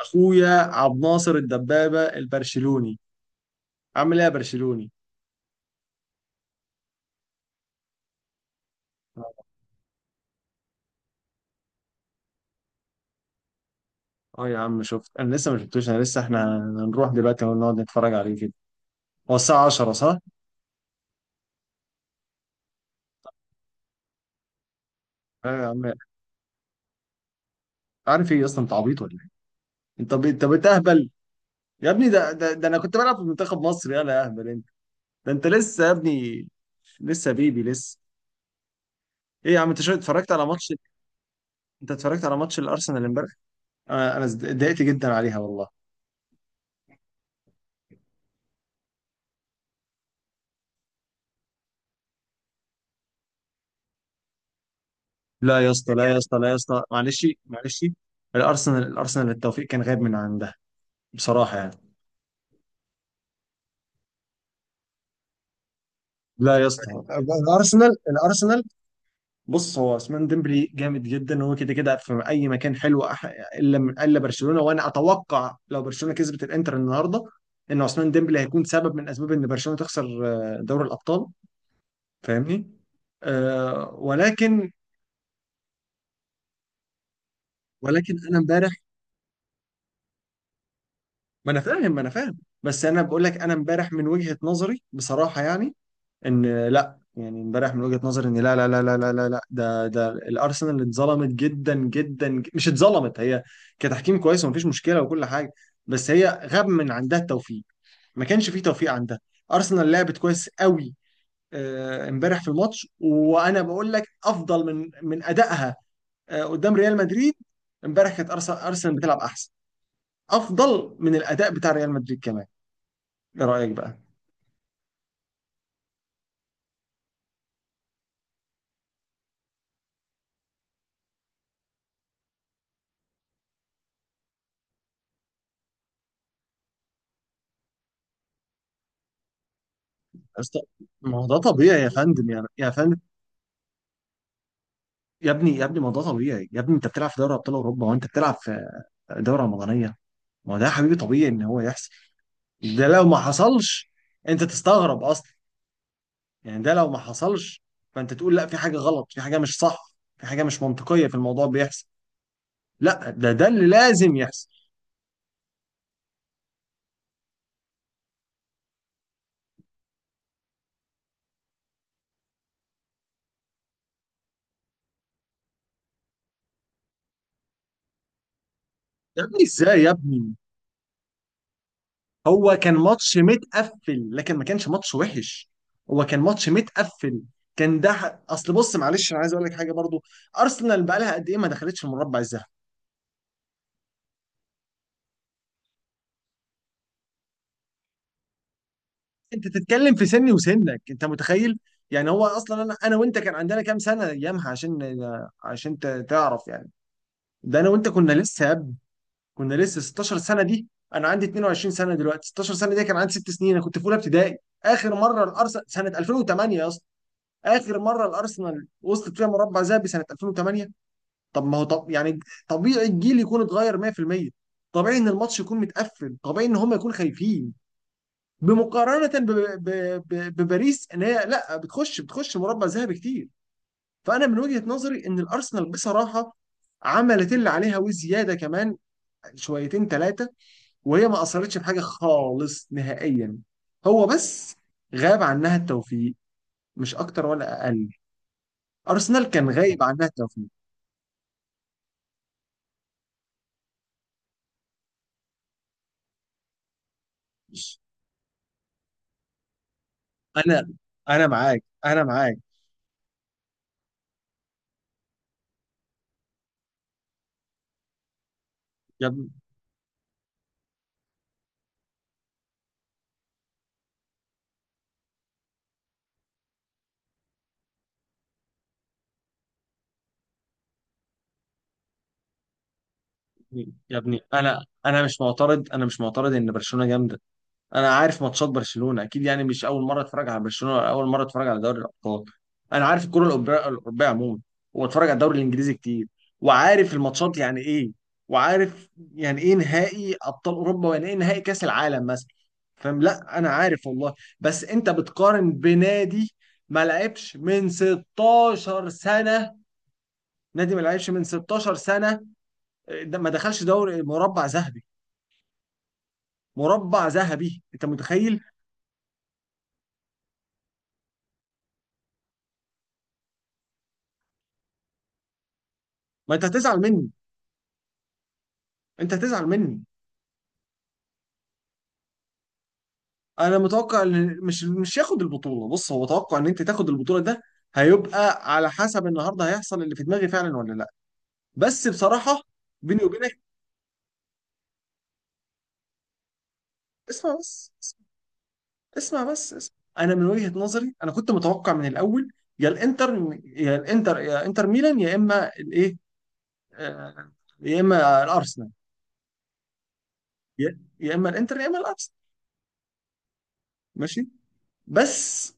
اخويا عبد ناصر الدبابه البرشلوني، عامل ايه يا برشلوني؟ اه يا عم، شفت. انا لسه ما شفتوش. انا لسه احنا هنروح دلوقتي ونقعد نتفرج عليه كده. هو الساعه 10 صح؟ ايوه يا عم. عارف ايه اصلا، انت عبيط ولا ايه؟ انت بتهبل. يا ابني ده انا كنت بلعب في منتخب مصر. يلا يا اهبل انت. ده انت لسه يا ابني، لسه بيبي لسه. ايه يا عم، انت شو اتفرجت على ماتش؟ انت اتفرجت على ماتش الارسنال امبارح؟ انا اتضايقت جدا عليها والله. لا يا اسطى، لا يا اسطى، لا يا اسطى، معلش معلش. الارسنال الارسنال التوفيق كان غايب من عندها، بصراحه يعني. لا يا اسطى، الارسنال الارسنال، بص هو عثمان ديمبلي جامد جدا، وهو كده كده في اي مكان حلو، الا الا برشلونه. وانا اتوقع لو برشلونه كسبت الانتر النهارده، ان عثمان ديمبلي هيكون سبب من اسباب ان برشلونه تخسر دوري الابطال. فاهمني؟ ولكن، ولكن انا امبارح، ما انا فاهم، بس انا بقول لك، انا امبارح من وجهة نظري بصراحة يعني، ان لا يعني امبارح من وجهة نظري، ان لا لا لا لا لا لا لا، ده الارسنال اتظلمت جدا جدا، مش اتظلمت هي، كتحكيم كويس، ومفيش مشكلة وكل حاجة، بس هي غاب من عندها التوفيق، ما كانش فيه توفيق عندها. ارسنال لعبت كويس قوي امبارح في الماتش، وانا بقول لك افضل من ادائها قدام ريال مدريد. امبارح كانت ارسنال بتلعب احسن، افضل من الاداء بتاع ريال مدريد كمان. ايه رايك بقى؟ يا اسطى، ما هو ده طبيعي يا فندم، يا فندم. يا ابني يا ابني، ما ده طبيعي يا ابني، انت بتلعب في دوري ابطال اوروبا، وانت بتلعب في دوره رمضانيه. ما ده يا حبيبي طبيعي ان هو يحصل. ده لو ما حصلش انت تستغرب اصلا. يعني ده لو ما حصلش فانت تقول لا، في حاجه غلط، في حاجه مش صح، في حاجه مش منطقيه في الموضوع بيحصل. لا، ده اللي لازم يحصل. يا ابني ازاي يا ابني؟ هو كان ماتش متقفل، لكن ما كانش ماتش وحش. هو كان ماتش متقفل. كان ده اصل بص معلش، انا عايز اقول لك حاجه برضو. ارسنال بقى لها قد ايه ما دخلتش المربع الذهبي؟ انت تتكلم في سني وسنك، انت متخيل؟ يعني هو اصلا، انا وانت كان عندنا كام سنه ايامها، عشان تعرف يعني. ده انا وانت كنا لسه يا ابني، كنا لسه 16 سنه دي. انا عندي 22 سنه دلوقتي، 16 سنه دي كان عندي 6 سنين، انا كنت في اولى ابتدائي. اخر مره الارسنال سنه 2008 يا اسطى، اخر مره الارسنال وصلت فيها مربع ذهبي سنه 2008. طب ما هو، طب يعني، طبيعي الجيل يكون اتغير 100%، طبيعي ان الماتش يكون متقفل، طبيعي ان هم يكونوا خايفين بمقارنة بباريس، ان هي لا، بتخش مربع ذهبي كتير. فانا من وجهة نظري ان الارسنال بصراحة عملت اللي عليها وزيادة كمان، شويتين ثلاثة، وهي ما اثرتش بحاجة خالص نهائيا. هو بس غاب عنها التوفيق، مش اكتر ولا اقل. ارسنال كان غايب عنها التوفيق. انا انا معاك، انا معاك. يا ابني يا ابني، انا مش معترض، انا مش معترض ان برشلونة جامدة. انا عارف ماتشات برشلونه اكيد يعني، مش اول مره اتفرج على برشلونه، ولا اول مره اتفرج على دوري الابطال. انا عارف الكره الاوروبيه عموما، واتفرج على الدوري الانجليزي كتير، وعارف الماتشات يعني ايه، وعارف يعني ايه نهائي ابطال اوروبا، ويعني ايه نهائي كاس العالم مثلا. فاهم؟ لا، انا عارف والله. بس انت بتقارن بنادي ما لعبش من 16 سنه، نادي ما لعبش من 16 سنه، ده ما دخلش دوري مربع ذهبي. مربع ذهبي، انت متخيل؟ ما انت هتزعل مني، انت هتزعل مني. انا متوقع ان مش ياخد البطوله. بص هو توقع ان انت تاخد البطوله ده، هيبقى على حسب النهارده هيحصل اللي في دماغي فعلا ولا لا، بس بصراحه، بيني وبينك، اسمع بس، اسمع بس، اسمع. انا من وجهه نظري، انا كنت متوقع من الاول يا الانتر، يا الانتر، يا انتر ميلان، يا اما الايه، آه، يا اما الارسنال، يا اما الانتر، يا اما الارسنال. ماشي، بس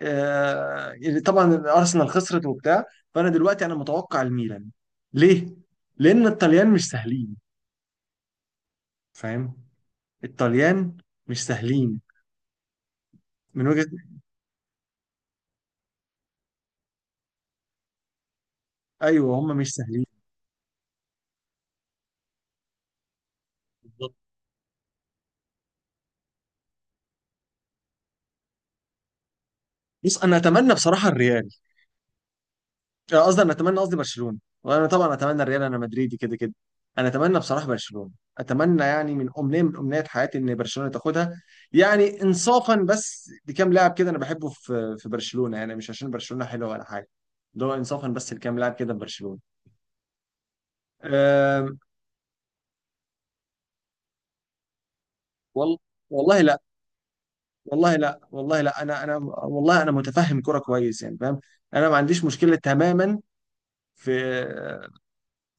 اللي طبعا الارسنال خسرت وبتاع، فانا دلوقتي انا متوقع الميلان. ليه؟ لان الطليان مش سهلين. فاهم؟ الطليان مش سهلين. من وجهة، ايوه هم مش سهلين، بالظبط. بص، انا اتمنى بصراحة الريال، أنا قصدي انا اتمنى قصدي برشلونه. وانا طبعا اتمنى الريال، انا مدريدي كده كده. انا اتمنى بصراحه برشلونه، اتمنى يعني من امنيه، من امنيات حياتي ان برشلونه تاخدها، يعني انصافا بس لكام لاعب كده انا بحبه في برشلونه، يعني مش عشان برشلونه حلوه ولا حاجه، ده هو انصافا بس لكام لاعب كده في برشلونه. أم وال والله لا، والله لا، والله لا. انا والله، انا متفهم كرة كويس يعني، فاهم. انا ما عنديش مشكله تماما في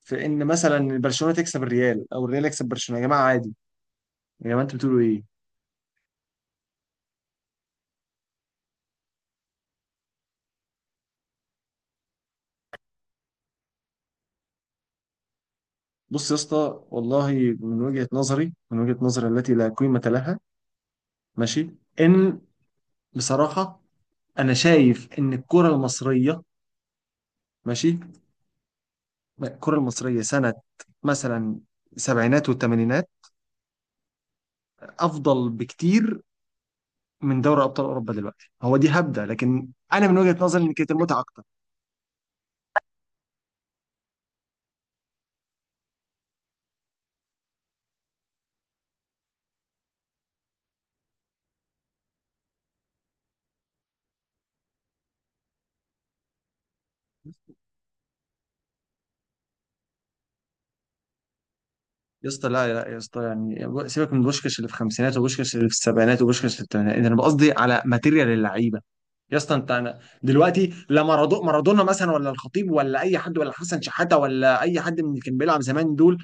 في ان مثلا برشلونه تكسب الريال او الريال يكسب برشلونه، يا جماعه عادي، يا جماعه انتوا بتقولوا ايه؟ بص يا اسطى، والله من وجهه نظري، التي لا قيمه لها، ماشي، ان، بصراحه، انا شايف ان الكره المصريه، ماشي، الكره المصريه سنه مثلا السبعينات والثمانينات افضل بكتير من دوري ابطال اوروبا دلوقتي، هو دي هبده، لكن انا من وجهه نظري ان كانت المتعه اكتر. يا اسطى لا، لا يا اسطى، يعني سيبك من بوشكاش اللي في الخمسينات وبوشكاش اللي في السبعينات وبوشكاش اللي في الثمانينات، انا بقصدي على ماتيريال اللعيبه. يا اسطى انت، انا دلوقتي لا مارادونا مثلا، ولا الخطيب، ولا اي حد، ولا حسن شحاته، ولا اي حد من اللي كان بيلعب زمان دول.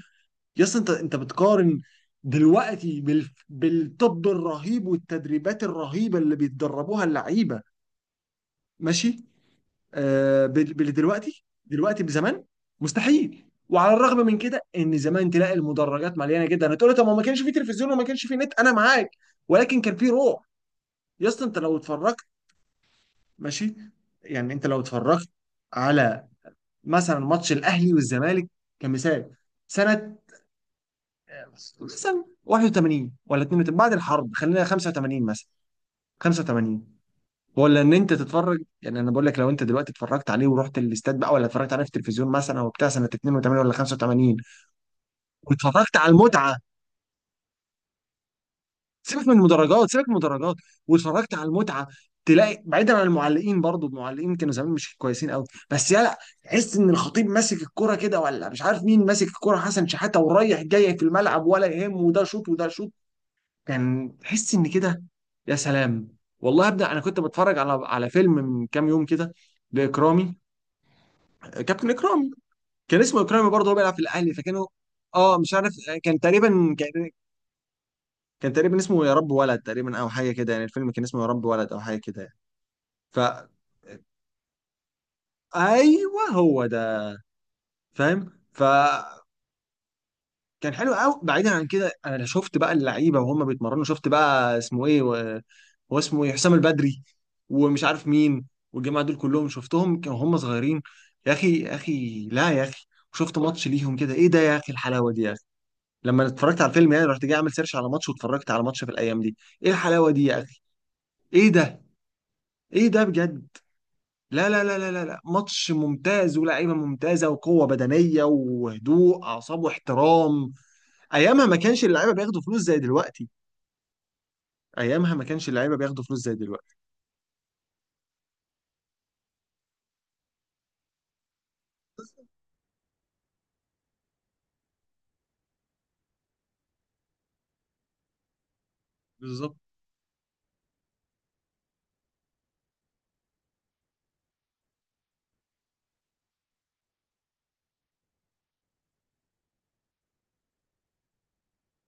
يا اسطى انت، بتقارن دلوقتي بالطب الرهيب والتدريبات الرهيبه اللي بيتدربوها اللعيبه، ماشي، باللي دلوقتي، بزمان مستحيل. وعلى الرغم من كده، ان زمان تلاقي المدرجات مليانه جدا، هتقول لي طب، ما كانش في تلفزيون وما كانش في نت، انا معاك، ولكن كان في روح. يا اسطى انت لو اتفرجت، ماشي، يعني انت لو اتفرجت على مثلا ماتش الاهلي والزمالك، كمثال سنه مثلا 81 ولا 82 بعد الحرب، خلينا 85 مثلا، 85، ولا ان انت تتفرج، يعني انا بقول لك لو انت دلوقتي اتفرجت عليه ورحت الاستاد بقى، ولا اتفرجت عليه في التلفزيون مثلا، او بتاع سنه 82 ولا 85، واتفرجت على المتعه، سيبك من المدرجات، سيبك من المدرجات، واتفرجت على المتعه، تلاقي، بعيدا عن المعلقين برضو، المعلقين كانوا زمان مش كويسين قوي، بس يلا تحس ان الخطيب ماسك الكرة كده، ولا مش عارف مين ماسك الكرة، حسن شحاته ورايح جاي في الملعب ولا يهمه، وده شوط وده شوط، كان تحس ان كده. يا سلام والله يا ابني، انا كنت بتفرج على فيلم من كام يوم كده، لاكرامي، كابتن اكرامي، كان اسمه اكرامي برضه، هو بيلعب في الاهلي، فكانوا، اه مش عارف، كان تقريبا كان، كان تقريبا اسمه يا رب ولد تقريبا، او حاجه كده يعني، الفيلم كان اسمه يا رب ولد او حاجه كده يعني. ف ايوه هو ده، فاهم، فكان حلو قوي. بعيدا عن كده، انا شفت بقى اللعيبه وهم بيتمرنوا، شفت بقى اسمه ايه هو اسمه ايه، حسام البدري ومش عارف مين، والجماعه دول كلهم شفتهم كانوا هم صغيرين. يا اخي يا اخي لا يا اخي، شفت ماتش ليهم كده، ايه ده يا اخي، الحلاوه دي يا، لما اتفرجت على الفيلم يعني، رحت جاي اعمل سيرش على ماتش، واتفرجت على ماتش في الايام دي، ايه الحلاوه دي يا اخي، ايه ده، ايه ده بجد، لا لا لا لا لا لا، ماتش ممتاز ولاعيبه ممتازه وقوه بدنيه وهدوء اعصاب واحترام. ايامها ما كانش اللعيبه بياخدوا فلوس زي دلوقتي، ايامها ما كانش اللعيبه بياخدوا فلوس زي دلوقتي. بالظبط،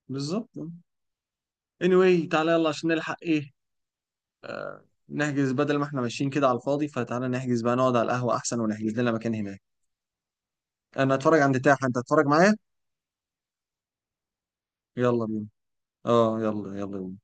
بالظبط. anyway تعالى يلا عشان نلحق ايه، نحجز بدل ما احنا ماشيين كده على الفاضي، فتعالى نحجز بقى، نقعد على القهوه احسن ونحجز لنا مكان هناك. انا هتفرج عند تاح، انت هتتفرج معايا. يلا بينا، اه يلا يلا بينا.